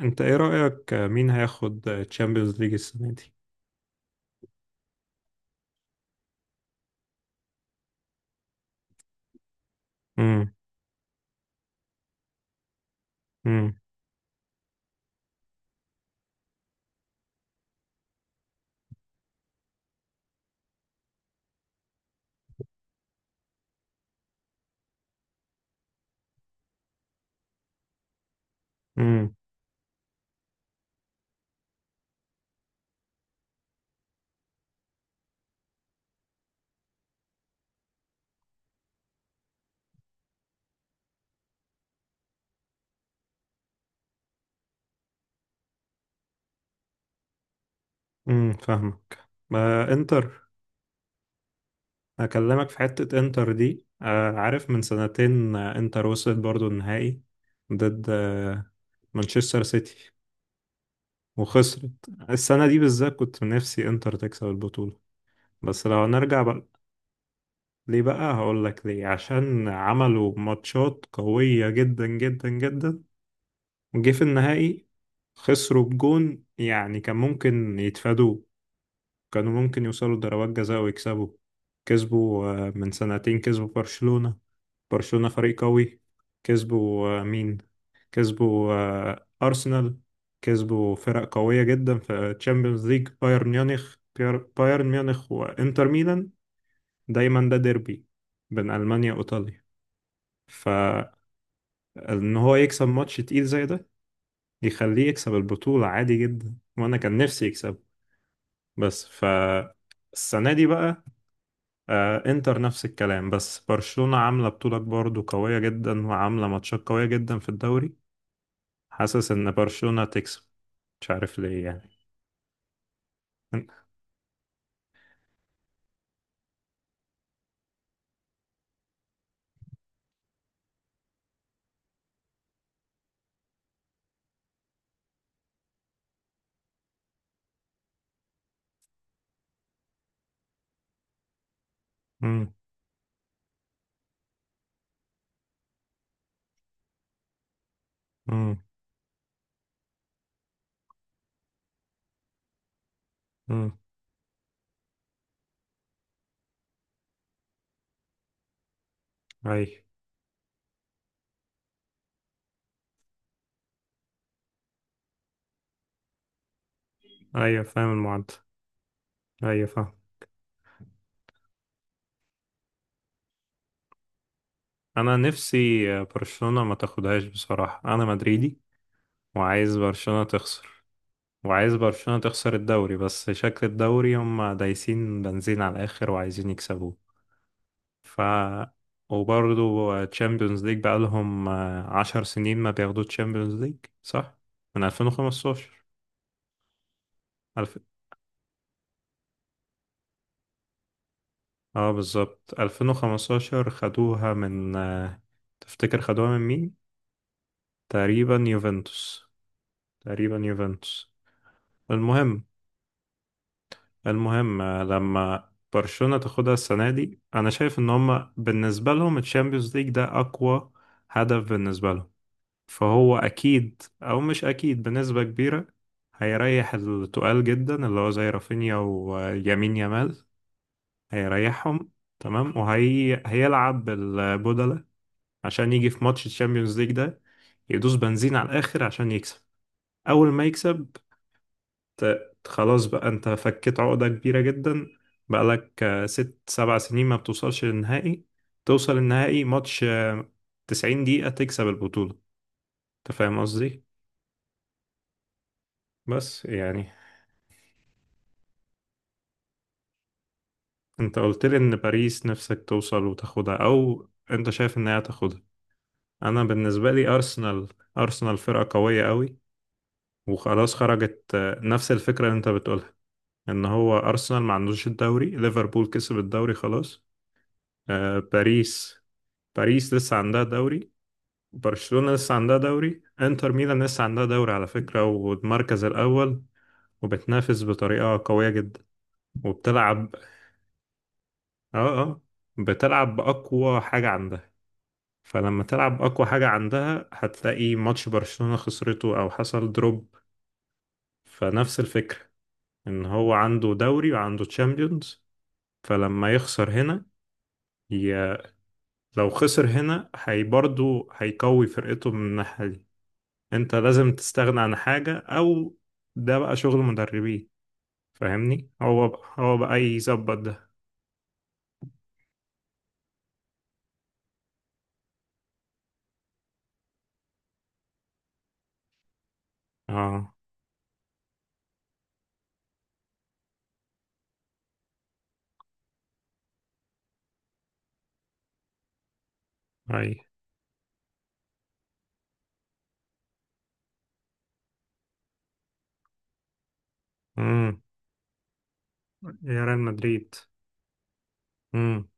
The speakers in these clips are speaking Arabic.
انت ايه رأيك مين هياخد تشامبيونز ليج السنة دي؟ امم امم امم فاهمك. ما انتر. هكلمك في حتة انتر دي، عارف، من سنتين انتر وصلت برضو النهائي ضد مانشستر سيتي، وخسرت. السنة دي بالذات كنت من نفسي انتر تكسب البطولة، بس لو نرجع بقى ليه بقى. هقول لك ليه، عشان عملوا ماتشات قوية جدا جدا جدا، جه في النهائي خسروا بجون، يعني كان ممكن يتفادوا. كانوا ممكن يوصلوا لضربات جزاء ويكسبوا. كسبوا من سنتين كسبوا برشلونة. برشلونة فريق قوي. كسبوا مين؟ كسبوا أرسنال. كسبوا فرق قوية جدا في تشامبيونز ليج، بايرن ميونخ، بايرن ميونخ وإنتر ميلان. دايما ده ديربي بين ألمانيا وإيطاليا. فإن هو يكسب ماتش تقيل زي ده، يخليه يكسب البطولة عادي جدا، وأنا كان نفسي يكسب، بس ف السنة دي بقى، إنتر نفس الكلام. بس برشلونة عاملة بطولة برضه قوية جدا، وعاملة ماتشات قوية جدا في الدوري. حاسس إن برشلونة تكسب، مش عارف ليه يعني. امم. امم. امم. أي، أيوة. أيوه، فاهم المعدل. أيوة فاهم. أنا نفسي برشلونة ما تاخدهاش، بصراحة أنا مدريدي، وعايز برشلونة تخسر. وعايز برشلونة تخسر الدوري، بس شكل الدوري هم دايسين بنزين على الآخر وعايزين يكسبوه. ف وبرضه تشامبيونز ليج بقالهم عشر سنين ما بياخدوا تشامبيونز ليج، صح؟ من 2015. ألف... اه، بالظبط 2015 خدوها من تفتكر خدوها من مين؟ تقريبا يوفنتوس. تقريبا يوفنتوس. المهم المهم، لما برشلونة تاخدها السنة دي، أنا شايف إن هما بالنسبة لهم الشامبيونز ليج ده أقوى هدف بالنسبة لهم. فهو أكيد، أو مش أكيد بنسبة كبيرة، هيريح التقال جدا، اللي هو زي رافينيا ويمين يامال، هيريحهم. تمام، وهي هيلعب بالبودلة عشان يجي في ماتش الشامبيونز ليج ده، يدوس بنزين على الآخر عشان يكسب. أول ما يكسب، خلاص بقى، انت فكيت عقدة كبيرة جدا. بقالك ست سبع سنين ما بتوصلش للنهائي. توصل النهائي ماتش 90 دقيقة تكسب البطولة. انت فاهم قصدي، بس يعني. انت قلت لي ان باريس نفسك توصل وتاخدها، او انت شايف ان هي تاخدها. انا بالنسبة لي ارسنال. ارسنال فرقة قوية قوي، وخلاص خرجت. نفس الفكرة اللي انت بتقولها، ان هو ارسنال ما عندوش الدوري، ليفربول كسب الدوري خلاص. باريس، باريس لسه عندها دوري. برشلونة لسه عندها دوري. انتر ميلان لسه عندها دوري على فكرة، والمركز الأول، وبتنافس بطريقة قوية جدا، وبتلعب. اه، اه. بتلعب بأقوى حاجة عندها. فلما تلعب بأقوى حاجة عندها هتلاقي ماتش برشلونة خسرته أو حصل دروب. فنفس الفكرة، إن هو عنده دوري وعنده تشامبيونز، فلما يخسر هنا، ي... لو خسر هنا هي برضه هيقوي فرقته من الناحية دي. انت لازم تستغنى عن حاجة، او ده بقى شغل مدربين. فاهمني؟ هو بقى يظبط ده. اه. اي. امم. يا ريال مدريد. امم.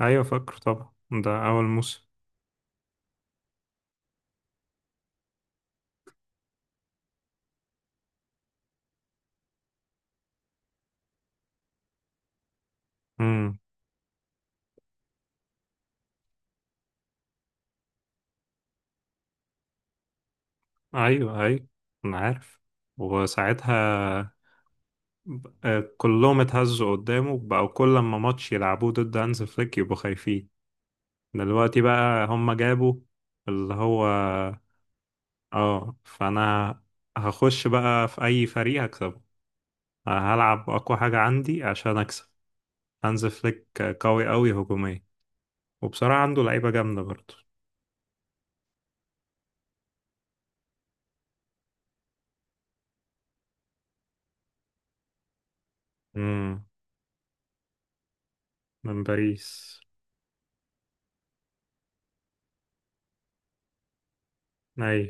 ايوه فاكر طبعا. ده اول موسم. امم. ايوه، ايوه، انا عارف وساعتها كلهم اتهزوا قدامه، بقوا كل لما ماتش يلعبوه ضد هانز فليك يبقوا خايفين. دلوقتي بقى هم جابوا اللي هو، اه، فانا هخش بقى في اي فريق هكسبه، هلعب اقوى حاجة عندي عشان اكسب. هانز فليك قوي قوي هجوميا، وبصراحة عنده لعيبة جامدة برضه. امم. من باريس. اي.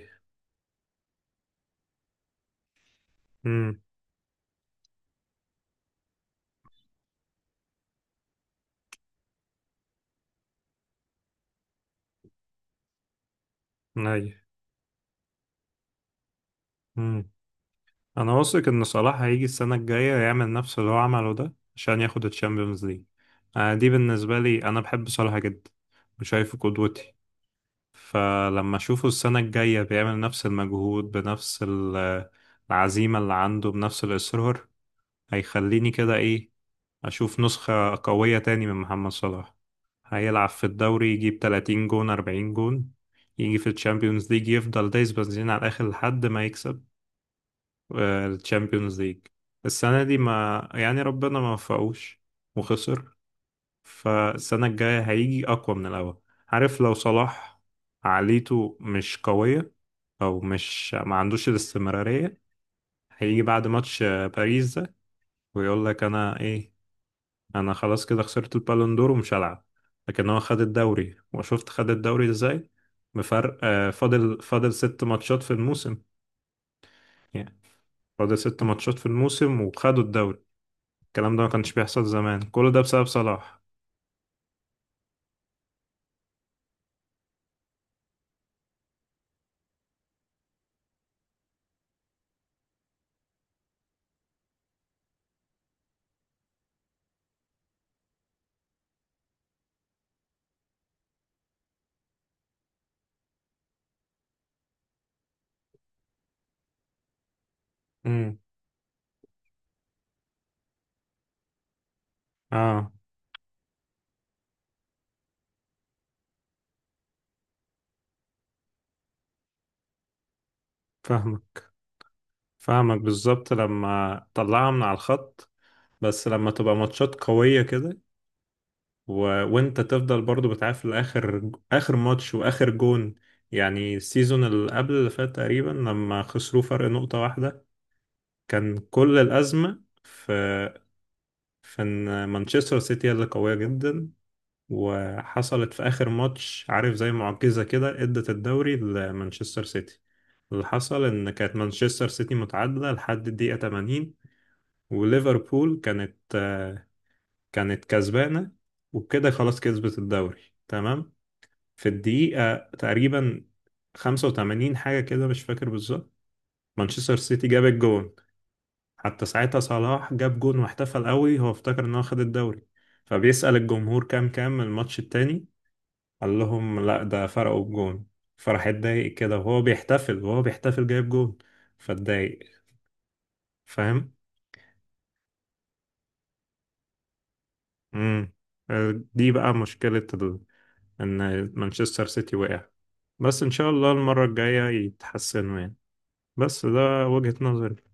امم. اي. امم. انا واثق ان صلاح هيجي السنة الجاية يعمل نفس اللي هو عمله ده عشان ياخد الشامبيونز ليج. دي بالنسبة لي، انا بحب صلاح جدا وشايفه قدوتي. فلما أشوفه السنة الجاية بيعمل نفس المجهود بنفس العزيمة اللي عنده، بنفس الإصرار، هيخليني كده إيه. أشوف نسخة قوية تاني من محمد صلاح، هيلعب في الدوري يجيب 30 جون 40 جون. يجي في الشامبيونز ليج يفضل دايس بنزين على الآخر لحد ما يكسب الشامبيونز ليج. السنة دي، ما يعني، ربنا ما وفقوش، وخسر. فالسنة الجاية هيجي أقوى من الأول. عارف لو صلاح عقليته مش قوية، او مش ما عندوش الاستمرارية، هيجي بعد ماتش باريس ده ويقول لك انا ايه. انا خلاص كده خسرت البالون دور ومش هلعب. لكن هو خد الدوري، وشفت خد الدوري ازاي. بفرق فاضل ست ماتشات في الموسم، يعني، فاضل ست ماتشات في الموسم وخدوا الدوري. الكلام ده ما كانش بيحصل زمان، كل ده بسبب صلاح. امم. اه. فاهمك. فاهمك بالظبط لما طلعها من على الخط. بس لما تبقى ماتشات قوية كده، و... وانت تفضل برضو بتعافر لاخر اخر ماتش واخر جون. يعني السيزون اللي قبل اللي فات تقريبا لما خسروا فرق نقطة واحدة، كان كل الأزمة في ان مانشستر سيتي اللي قوية جدا، وحصلت في آخر ماتش، عارف زي معجزة كده، ادت الدوري لمانشستر سيتي. اللي حصل ان كانت مانشستر سيتي متعادلة لحد الدقيقة 80، وليفربول كانت كسبانة، وبكده خلاص كسبت الدوري. تمام. في الدقيقة تقريبا 85 حاجة كده، مش فاكر بالظبط، مانشستر سيتي جاب الجون. حتى ساعتها صلاح جاب جون واحتفل قوي، هو افتكر ان هو خد الدوري. فبيسأل الجمهور كام الماتش التاني. قال لهم لا، ده فرقوا بجون. فراح اتضايق كده وهو بيحتفل جايب جون. فاتضايق. فاهم. امم. دي بقى مشكلة ان مانشستر سيتي وقع. بس ان شاء الله المرة الجاية يتحسنوا يعني. بس ده وجهة نظري.